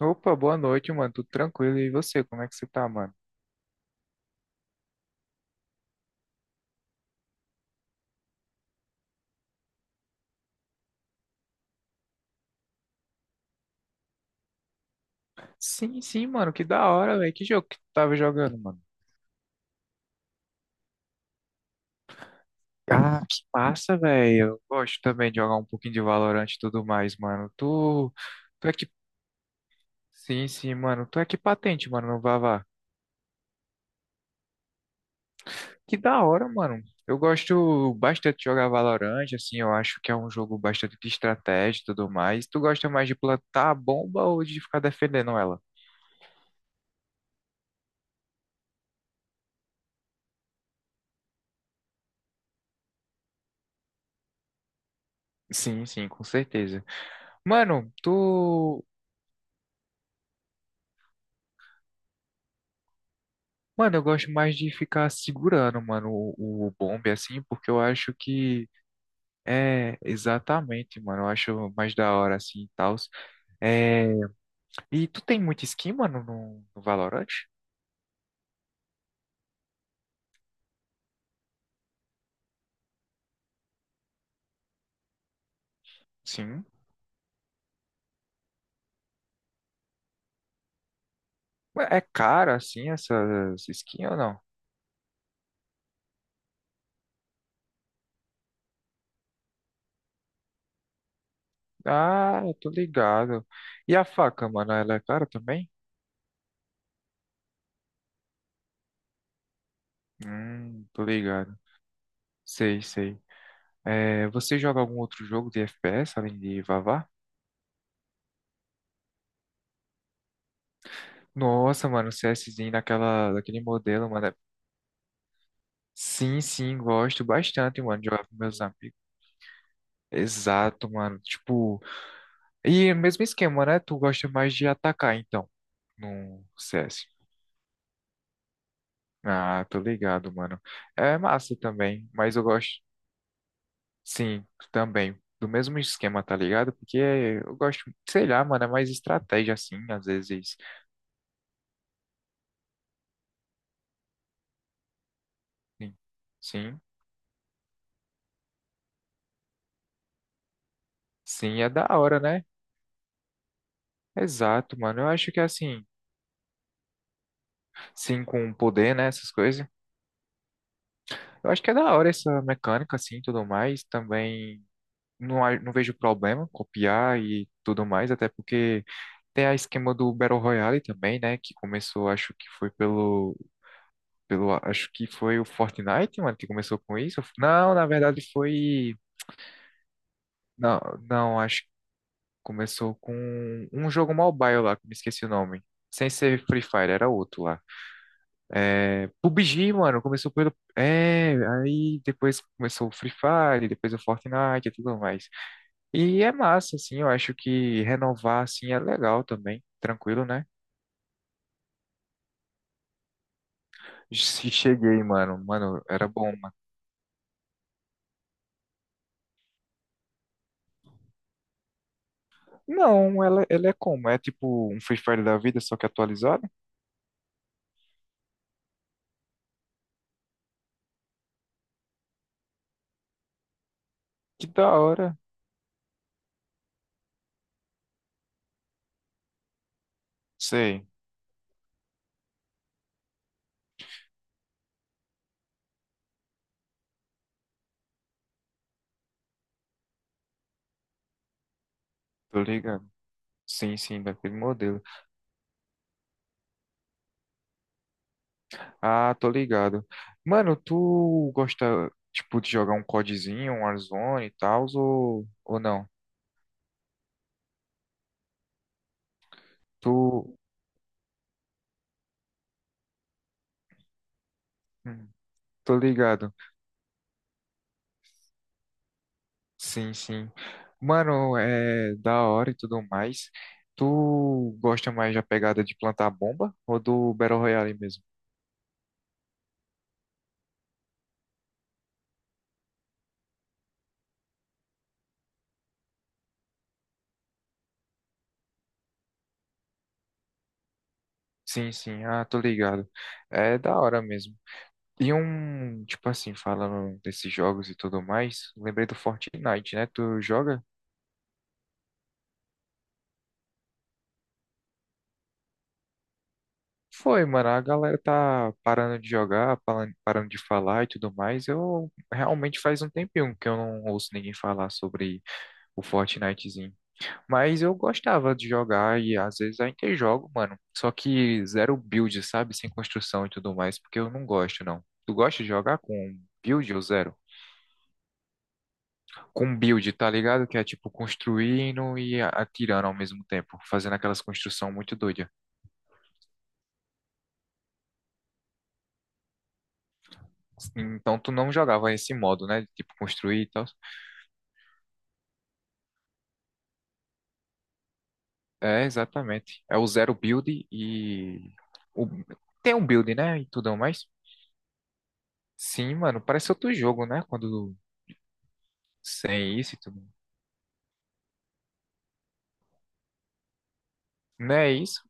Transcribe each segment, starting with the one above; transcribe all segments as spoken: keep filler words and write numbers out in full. Opa, boa noite, mano. Tudo tranquilo? E você, como é que você tá, mano? Sim, sim, mano. Que da hora, velho. Que jogo que tu tava jogando, mano? Ah, que massa, velho. Eu gosto também de jogar um pouquinho de Valorant e tudo mais, mano. Tu, tu é que... Sim, sim, mano. Tu é que patente, mano, no Vavá. Que da hora, mano. Eu gosto bastante de jogar Valorant, assim. Eu acho que é um jogo bastante de estratégia e tudo mais. Tu gosta mais de plantar a bomba ou de ficar defendendo ela? Sim, sim, com certeza. Mano, tu. Mano, eu gosto mais de ficar segurando, mano, o, o bombe, assim, porque eu acho que é exatamente, mano. Eu acho mais da hora, assim, e tal. É... E tu tem muito skin, mano, no, no Valorant? Sim. Ué, é caro, assim, essas skins ou não? Ah, eu tô ligado. E a faca, mano, ela é cara também? Hum, tô ligado. Sei, sei. É, você joga algum outro jogo de F P S além de Vavá? Nossa, mano, o CSzinho naquela, daquele modelo, mano. É Sim, sim, gosto bastante, mano, de jogar com meus amigos. Exato, mano. Tipo, e mesmo esquema, né? Tu gosta mais de atacar, então, no C S. Ah, tô ligado, mano. É massa também, mas eu gosto, sim, também, do mesmo esquema, tá ligado? Porque eu gosto, sei lá, mano, é mais estratégia, assim, às vezes. Sim, sim, sim, é da hora, né? Exato, mano. Eu acho que assim, sim, com o poder, né? Essas coisas. Eu acho que é da hora essa mecânica, assim, e tudo mais. Também não, a- não vejo problema copiar e tudo mais, até porque tem a esquema do Battle Royale também, né? Que começou, acho que foi pelo, pelo, acho que foi o Fortnite, mano, que começou com isso. Não, na verdade foi, não, não, acho que começou com um jogo mobile lá, que me esqueci o nome. Sem ser Free Fire, era outro lá. É, P U B G, mano, começou pelo. É, aí depois começou o Free Fire, depois o Fortnite e tudo mais. E é massa, assim, eu acho que renovar, assim, é legal também, tranquilo, né? Se cheguei, mano, mano, era bom, mano. Não, ela, ela é como? É tipo um Free Fire da vida, só que atualizado? Que da hora. Sei, tô ligado. Sim, sim, daquele modelo. Ah, tô ligado. Mano, tu gosta, tipo, de jogar um CODzinho, um Warzone e tal, ou, ou não? Tô, hum, tô ligado. Sim, sim. Mano, é da hora e tudo mais. Tu gosta mais da pegada de plantar bomba ou do Battle Royale mesmo? Sim, sim. Ah, tô ligado. É da hora mesmo. E um, tipo assim, falando desses jogos e tudo mais, lembrei do Fortnite, né? Tu joga? Foi, mano. A galera tá parando de jogar, palan- parando de falar e tudo mais. Eu realmente faz um tempinho que eu não ouço ninguém falar sobre o Fortnitezinho. Mas eu gostava de jogar e às vezes ainda jogo, mano. Só que zero build, sabe? Sem construção e tudo mais, porque eu não gosto, não. Tu gosta de jogar com build ou zero? Com build, tá ligado? Que é tipo construindo e a- atirando ao mesmo tempo, fazendo aquelas construções muito doidas. Então tu não jogava esse modo, né? Tipo construir e tal. É, exatamente. É o zero build e o- tem um build, né? E tudo mais. Sim, mano, parece outro jogo, né? Quando sem isso e tudo. Não é isso?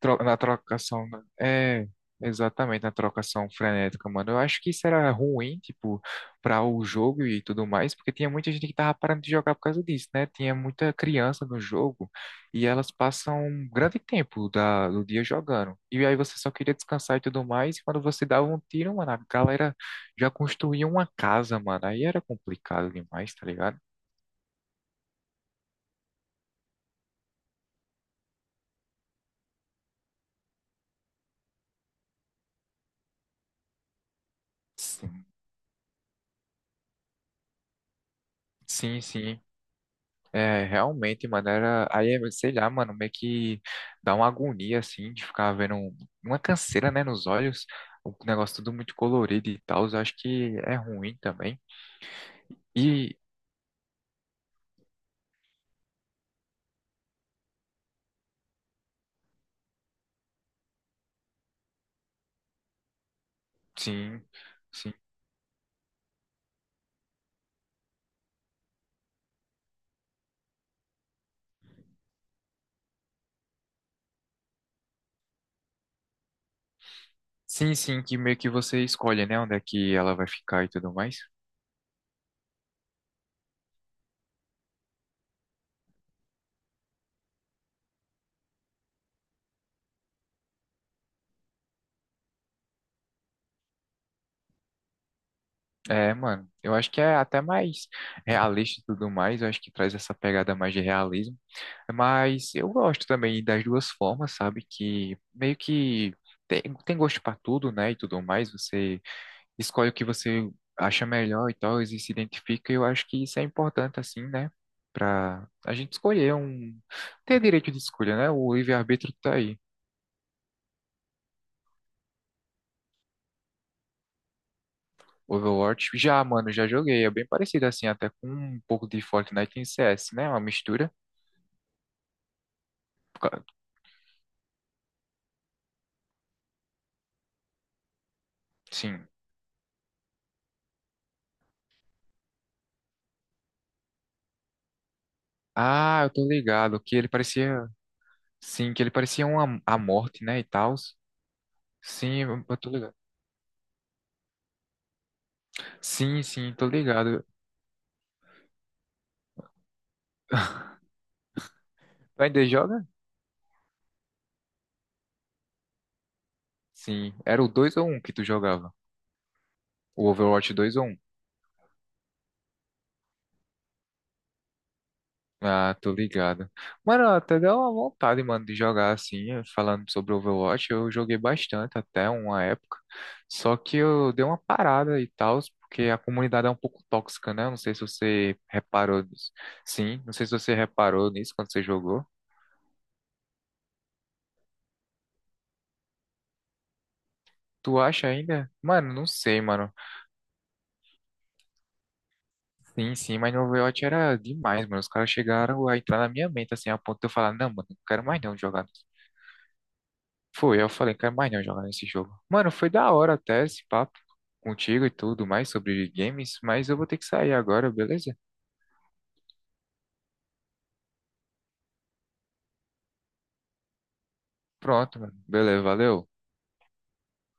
Tro- Na trocação, né? É, exatamente, na trocação frenética, mano. Eu acho que isso era ruim, tipo, para o jogo e tudo mais, porque tinha muita gente que tava parando de jogar por causa disso, né? Tinha muita criança no jogo e elas passam um grande tempo da, do dia jogando. E aí você só queria descansar e tudo mais, e quando você dava um tiro, mano, a galera já construía uma casa, mano. Aí era complicado demais, tá ligado? Sim, sim, sim. É, realmente, mano, era, aí, é, sei lá, mano, meio que dá uma agonia, assim, de ficar vendo um- uma canseira, né, nos olhos, o negócio tudo muito colorido e tal, eu acho que é ruim também, e sim, sim, sim, sim, que meio que você escolhe, né, onde é que ela vai ficar e tudo mais, é, mano, eu acho que é até mais realista e tudo mais, eu acho que traz essa pegada mais de realismo. Mas eu gosto também das duas formas, sabe? Que meio que tem, tem gosto para tudo, né? E tudo mais. Você escolhe o que você acha melhor e tal, e se identifica. E eu acho que isso é importante, assim, né? Pra a gente escolher um. Ter direito de escolha, né? O livre-arbítrio tá aí. Overwatch. Já, mano, já joguei. É bem parecido, assim, até com um pouco de Fortnite em C S, né? Uma mistura. Por ca- Sim. Ah, eu tô ligado. Que ele parecia. Sim, que ele parecia uma, a morte, né? E tal. Sim, eu eu tô ligado. Sim, sim, tô ligado. Tu ainda joga? Sim. Era o dois ou um que tu jogava? O Overwatch dois ou um. Ah, tô ligado. Mano, até deu uma vontade, mano, de jogar assim, falando sobre Overwatch. Eu joguei bastante até uma época. Só que eu dei uma parada e tal, porque a comunidade é um pouco tóxica, né? Eu não sei se você reparou nisso. Sim, não sei se você reparou nisso quando você jogou. Tu acha ainda? Mano, não sei, mano. Sim, sim, mas no Overwatch era demais, mano. Os caras chegaram a entrar na minha mente, assim, a ponto de eu falar, não, mano, não quero mais não jogar. Foi, eu falei, quero mais não jogar nesse jogo. Mano, foi da hora até esse papo contigo e tudo mais sobre games, mas eu vou ter que sair agora, beleza? Pronto, mano. Beleza, valeu.